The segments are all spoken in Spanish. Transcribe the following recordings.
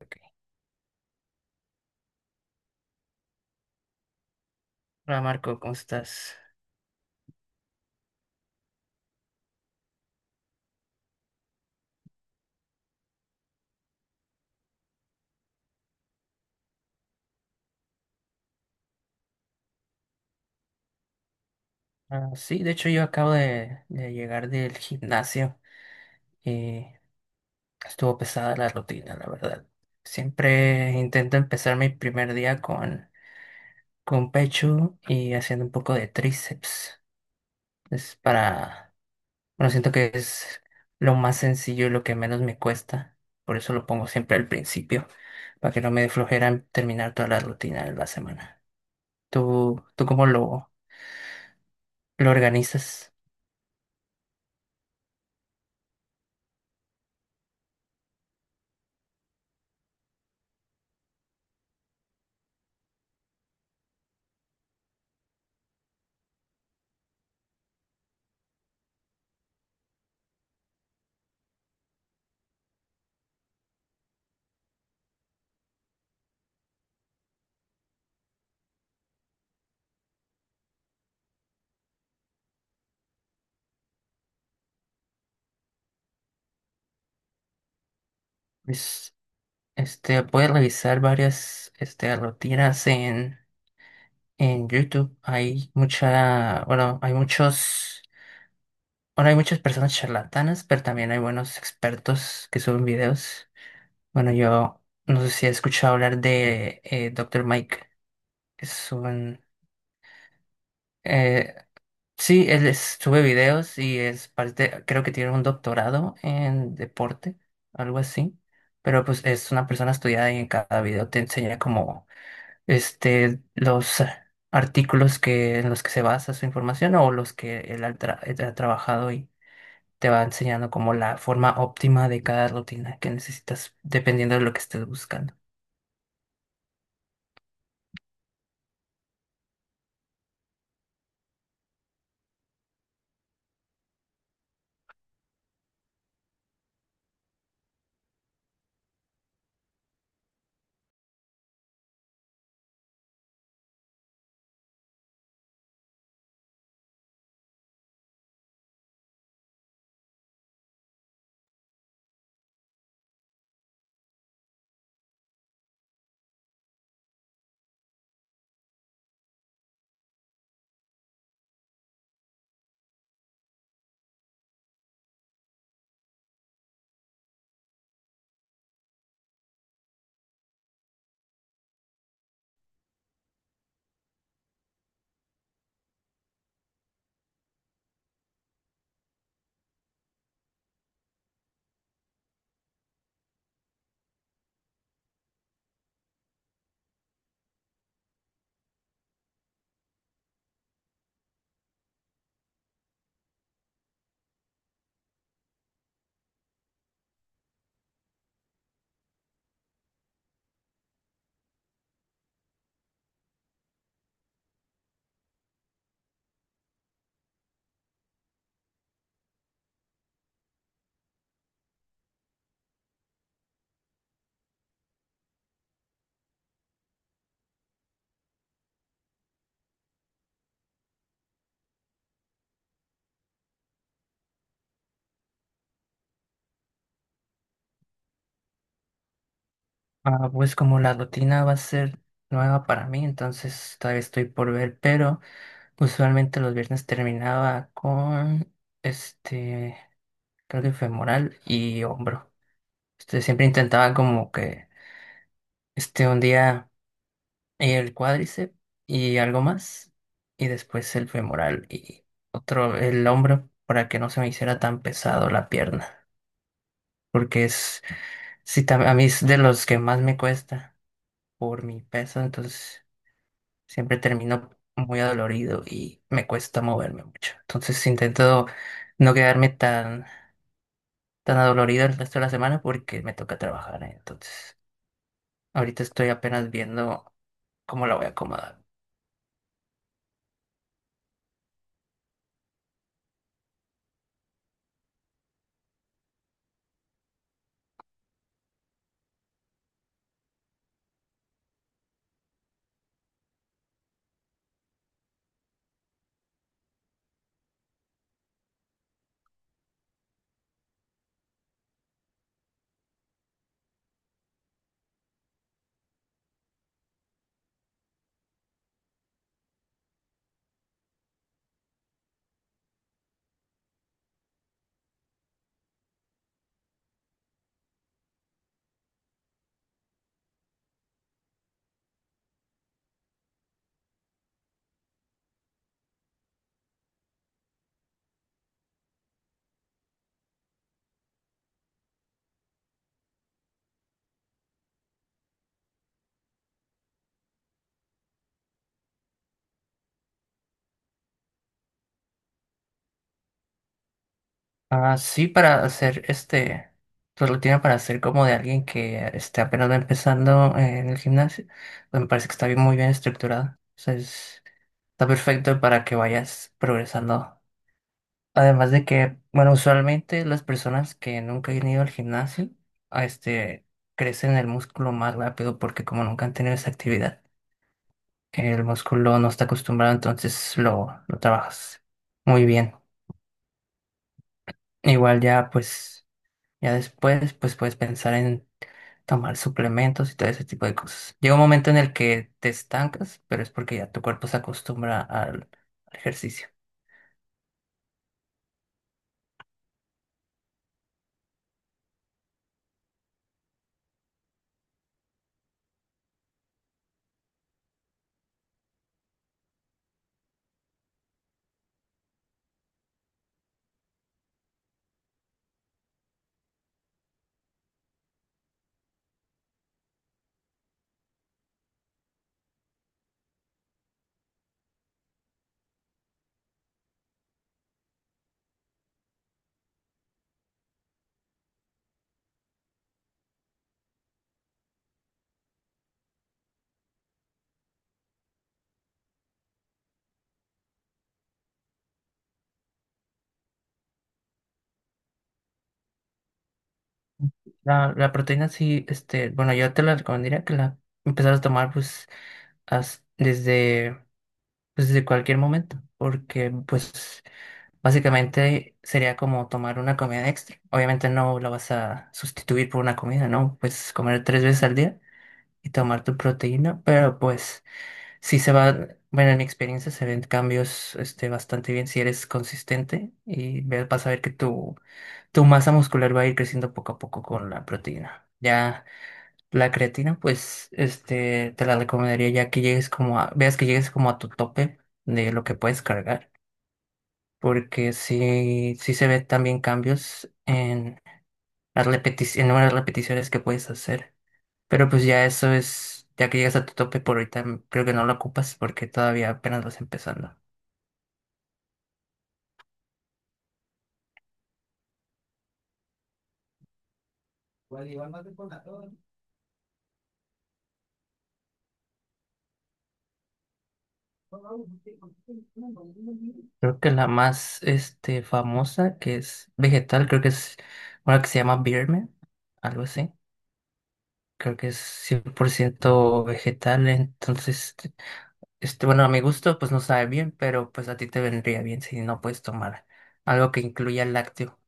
Ok. Hola Marco, ¿cómo estás? Ah, sí, de hecho yo acabo de llegar del gimnasio y estuvo pesada la rutina, la verdad. Siempre intento empezar mi primer día con pecho y haciendo un poco de tríceps. Es bueno, siento que es lo más sencillo y lo que menos me cuesta. Por eso lo pongo siempre al principio, para que no me dé flojera en terminar toda la rutina de la semana. ¿Tú cómo lo organizas? Este, puedes revisar varias este, rutinas en YouTube. Hay mucha, bueno, hay muchos, bueno, hay muchas personas charlatanas, pero también hay buenos expertos que suben videos. Bueno, yo no sé si he escuchado hablar de Dr. Mike, que eh, sí, sube videos y es parte, creo que tiene un doctorado en deporte, algo así. Pero pues es una persona estudiada y en cada video te enseña como este, los artículos en los que se basa su información o los que él él ha trabajado y te va enseñando como la forma óptima de cada rutina que necesitas, dependiendo de lo que estés buscando. Ah, pues como la rutina va a ser nueva para mí, entonces todavía estoy por ver, pero usualmente los viernes terminaba con este, creo que femoral y hombro. Este, siempre intentaba como que este un día. El cuádriceps y algo más, y después el femoral y otro, el hombro, para que no se me hiciera tan pesado la pierna, porque es, sí, a mí es de los que más me cuesta por mi peso, entonces siempre termino muy adolorido y me cuesta moverme mucho. Entonces intento no quedarme tan adolorido el resto de la semana porque me toca trabajar, ¿eh? Entonces ahorita estoy apenas viendo cómo la voy a acomodar. Ah, sí, para hacer este, pues lo tiene para hacer como de alguien que esté apenas va empezando en el gimnasio. Pues me parece que está bien, muy bien estructurada. O sea, está perfecto para que vayas progresando. Además de que, bueno, usualmente las personas que nunca han ido al gimnasio, a este, crecen el músculo más rápido porque como nunca han tenido esa actividad, el músculo no está acostumbrado, entonces lo trabajas muy bien. Igual ya, pues. Ya después, pues puedes pensar en tomar suplementos y todo ese tipo de cosas. Llega un momento en el que te estancas, pero es porque ya tu cuerpo se acostumbra al ejercicio. La proteína sí, este, bueno, yo te la recomendaría que la empezaras a tomar pues desde, pues, desde cualquier momento, porque pues básicamente sería como tomar una comida extra. Obviamente no la vas a sustituir por una comida, ¿no? Pues comer tres veces al día y tomar tu proteína, pero pues... Sí se va, bueno, en mi experiencia se ven cambios este, bastante bien si eres consistente y vas a ver que tu masa muscular va a ir creciendo poco a poco con la proteína. Ya la creatina, pues, este, te la recomendaría ya que llegues como a, veas que llegues como a tu tope de lo que puedes cargar, porque sí, sí se ven también cambios en las en el número de repeticiones que puedes hacer. Pero pues ya eso es, ya que llegas a tu tope por ahorita, creo que no lo ocupas porque todavía apenas vas empezando. Creo que la más este, famosa, que es vegetal, creo que es una que se llama Birman, algo así. Creo que es 100% vegetal, entonces, este, bueno, a mi gusto pues no sabe bien, pero pues a ti te vendría bien si no puedes tomar algo que incluya lácteo.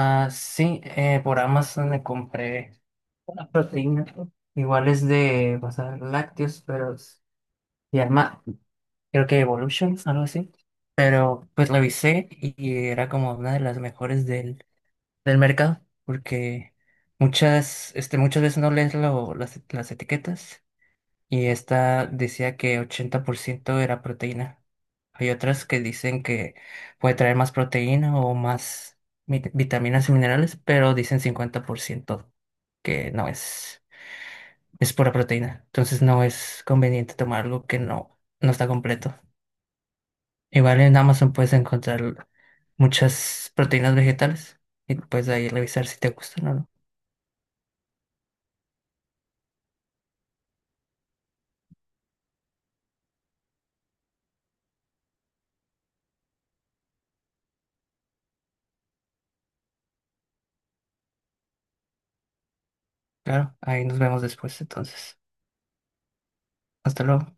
Ah, sí, por Amazon me compré una proteína, igual es de, o sea, lácteos, pero se llama creo que Evolutions, algo así. Pero pues revisé y era como una de las mejores del mercado, porque muchas, este, muchas veces no lees las etiquetas y esta decía que 80% era proteína. Hay otras que dicen que puede traer más proteína o más vitaminas y minerales, pero dicen 50% que no es, es pura proteína. Entonces no es conveniente tomar algo que no está completo. Igual en Amazon puedes encontrar muchas proteínas vegetales y puedes ahí revisar si te gustan o no. Claro, ahí nos vemos después entonces. Hasta luego.